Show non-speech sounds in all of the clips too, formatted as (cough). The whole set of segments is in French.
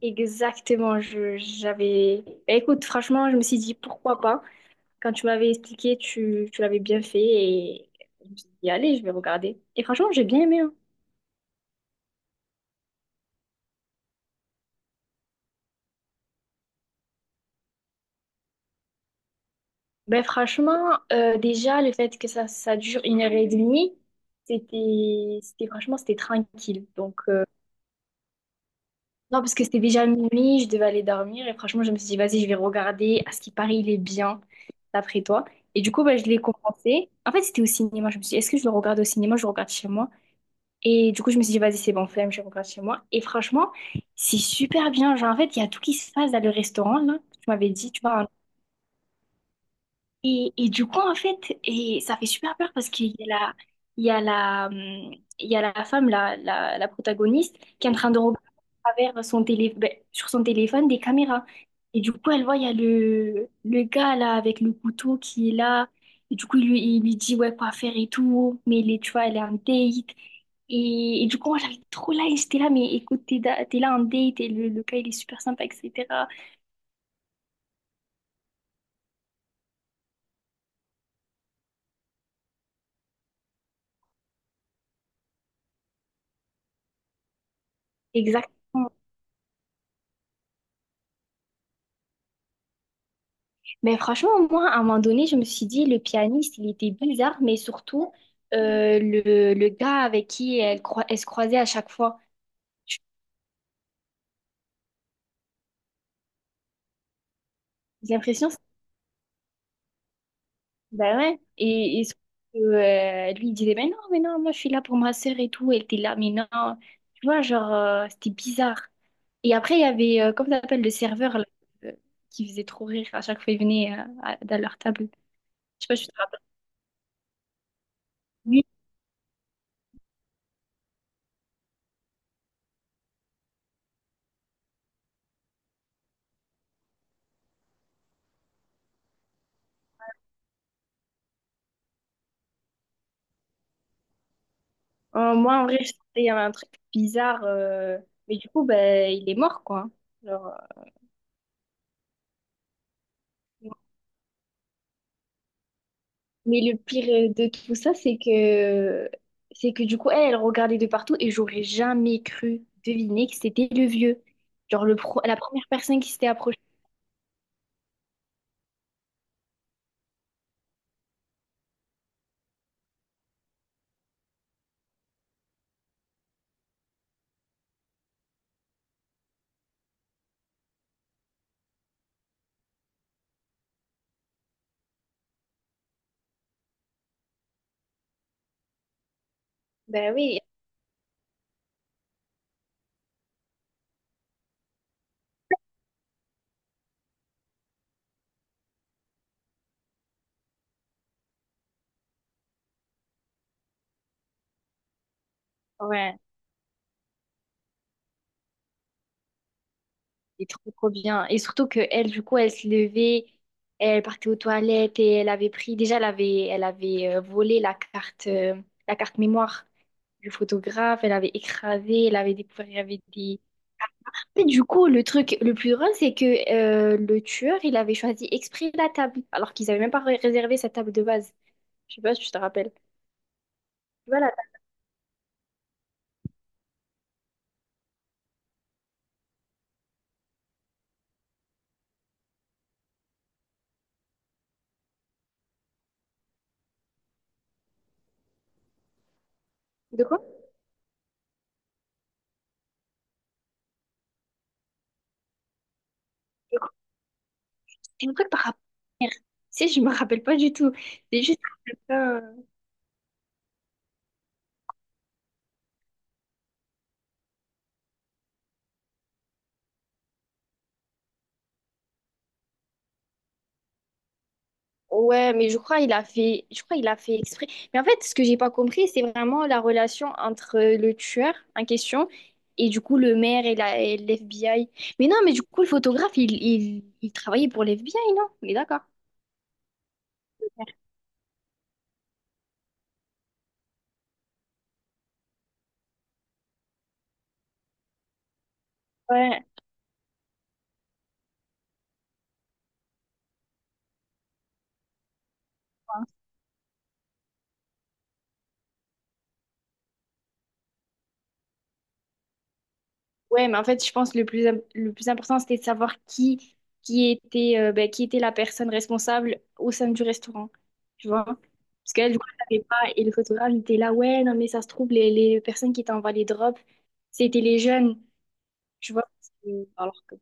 Exactement, je j'avais. Bah, écoute, franchement, je me suis dit pourquoi pas. Quand tu m'avais expliqué, tu l'avais bien fait et je me suis dit, allez, je vais regarder. Et franchement, j'ai bien aimé, hein. Ben franchement, déjà, le fait que ça dure 1 h 30, c'était franchement, c'était tranquille. Non, parce que c'était déjà minuit, je devais aller dormir et franchement, je me suis dit, vas-y, je vais regarder. À ce qui paraît, il est bien, d'après toi. Et du coup, ben, je l'ai commencé. En fait, c'était au cinéma. Je me suis dit, est-ce que je le regarde au cinéma, je le regarde chez moi? Et du coup, je me suis dit, vas-y, c'est bon, flemme, je rentre chez moi. Et franchement, c'est super bien. Genre, en fait, il y a tout qui se passe dans le restaurant, là. Tu m'avais dit, tu vois, et du coup, en fait, et ça fait super peur parce qu'il y a la, il y a la, il y a la femme, la protagoniste, qui est en train de regarder à travers son télé, ben, sur son téléphone des caméras. Et du coup, elle voit, il y a le gars là avec le couteau qui est là. Et du coup, il lui dit, ouais, quoi faire et tout. Mais il est, tu vois, elle est en date. Et du coup, moi, j'avais trop là et j'étais là, mais écoute, t'es là en date et le gars, il est super sympa, etc. Exactement. Mais franchement, moi, à un moment donné, je me suis dit, le pianiste, il était bizarre, mais surtout, le gars avec qui elle se croisait à chaque fois. J'ai l'impression, c'est- ben ouais. Et surtout, lui, il disait, mais non, moi, je suis là pour ma sœur et tout. Elle était là, mais non. Tu vois, genre, c'était bizarre. Et après, il y avait, comment ça s'appelle, le serveur, là, euh, qui faisait trop rire à chaque fois il venait dans leur table. Je sais pas, je te rappelle. Moi, en vrai, je sentais qu'il y avait un truc bizarre. Mais du coup, ben, il est mort, quoi. Genre, euh, Mais le pire de tout ça, c'est que du coup, elle regardait de partout et j'aurais jamais cru deviner que c'était le vieux. Genre, la première personne qui s'était approchée. Ben oui, ouais, c'est trop, trop bien. Et surtout que elle, du coup, elle se levait, elle partait aux toilettes et elle avait pris. Déjà, elle avait volé la carte mémoire. Le photographe, elle avait écrasé, elle avait découvert, il y avait des. Mais du coup, le truc le plus drôle, c'est que le tueur, il avait choisi exprès la table, alors qu'ils n'avaient même pas réservé sa table de base. Je sais pas si tu te rappelles. Tu vois la table de quoi? De quoi? C'était un truc par rapport à la mer. Tu sais, je me rappelle pas du tout. C'est juste ouais, mais je crois il a fait, je crois il a fait exprès. Mais en fait, ce que j'ai pas compris, c'est vraiment la relation entre le tueur en question et du coup le maire et l'FBI. Mais non, mais du coup le photographe, il travaillait pour l'FBI, non? On est d'accord. Ouais. Ouais, mais en fait, je pense que le plus important, c'était de savoir qui était ben, qui était la personne responsable au sein du restaurant. Tu vois? Parce qu'elle, du coup, elle savait pas. Et le photographe, il était là, ouais, non, mais ça se trouve, les personnes qui étaient en les drops, c'était les jeunes. Tu vois, alors que.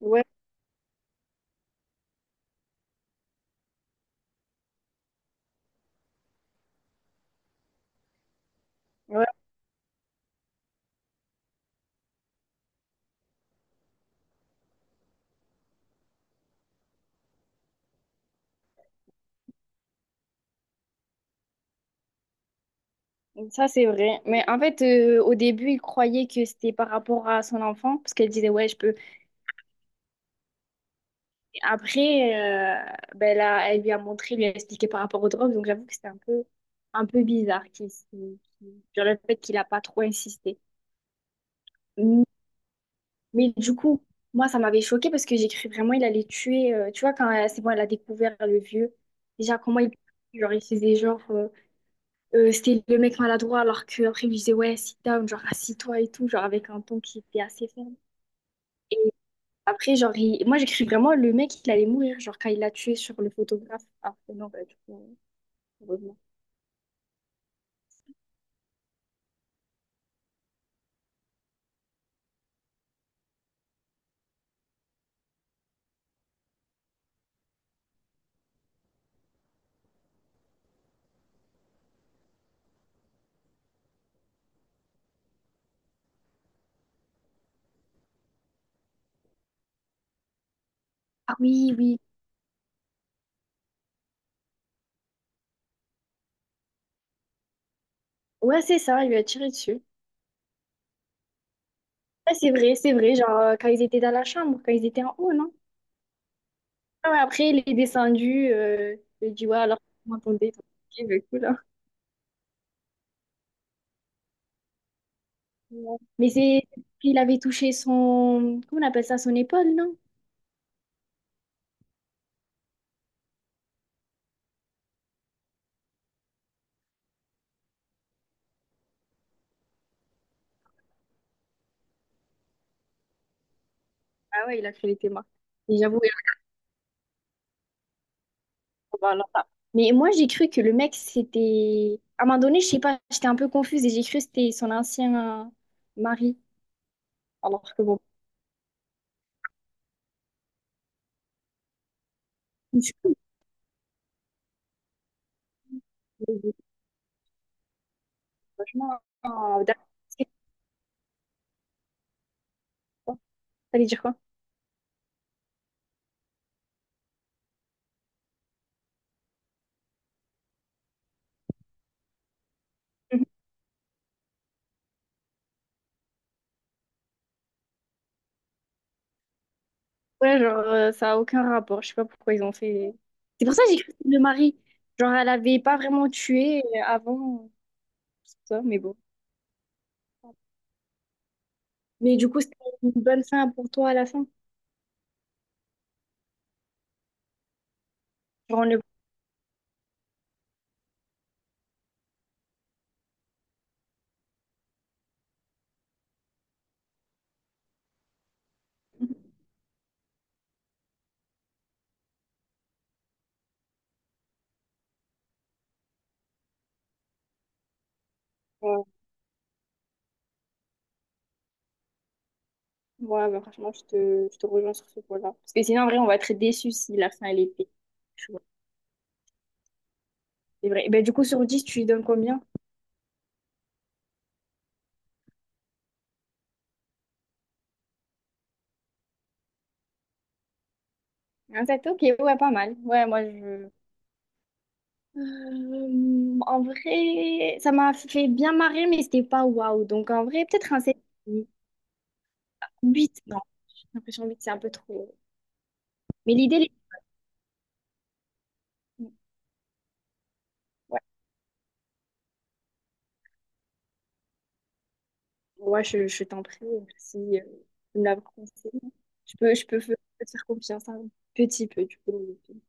Ouais, ouais, ça c'est vrai. Mais en fait, au début, il croyait que c'était par rapport à son enfant, parce qu'elle disait, ouais, je peux. Et après, ben là, elle lui a montré, lui a expliqué par rapport aux drogues, donc j'avoue que c'était un peu bizarre genre le fait qu'il a pas trop insisté. Mais, mais du coup, moi, ça m'avait choqué parce que j'ai cru vraiment il allait tuer. Tu vois, c'est bon, elle a découvert le vieux, déjà, comment il. Genre, il faisait genre. C'était le mec maladroit, alors qu'après, il lui disait, ouais, sit down, genre, assis-toi et tout, genre, avec un ton qui était assez ferme. Et après, genre, moi, j'ai cru vraiment, le mec, il allait mourir, genre, quand il l'a tué sur le photographe. Ah, mais non, bah, du coup, heureusement. Ah oui, oui. Ouais, c'est ça, il lui a tiré dessus. Ouais, c'est vrai, genre, quand ils étaient dans la chambre, quand ils étaient en haut, non? Ah ouais, après, il est descendu, il dit, ouais, alors, vous m'entendez? Ok, bah, cool, hein. Ouais. Mais c'est, il avait touché son, comment on appelle ça, son épaule, non? Ah ouais, il a créé les thémas. Et j'avoue, bah, alors là. Mais moi, j'ai cru que le mec, c'était. À un moment donné, je sais pas, j'étais un peu confuse et j'ai cru que c'était son ancien mari. Alors que bon, je suis franchement. D'accord. T'allais dire quoi? (laughs) Mhm. Ouais, genre, ça a aucun rapport. Je sais pas pourquoi ils ont fait. C'est pour ça que j'ai cru que c'était le mari. Genre, elle avait pas vraiment tué avant, tout ça, mais bon. Mais du coup, c'était une bonne fin pour toi à la fin. Genre, on le. Ouais, bah, franchement, je te rejoins sur ce point-là. Parce que sinon, en vrai, on va être déçus si la fin, elle est pire. Tu vois. C'est vrai. Ben, du coup, sur 10 tu lui donnes combien? Un 7 ok, ouais, pas mal. Ouais, moi, je. En vrai, ça m'a fait bien marrer, mais c'était pas waouh. Donc, en vrai, peut-être un 7 8 Non, j'ai l'impression 8 c'est un peu trop. Mais l'idée, elle est- ouais, ouais, je t'en prie, merci de me l'avoir conseillé. Je peux te faire confiance un petit peu, du coup.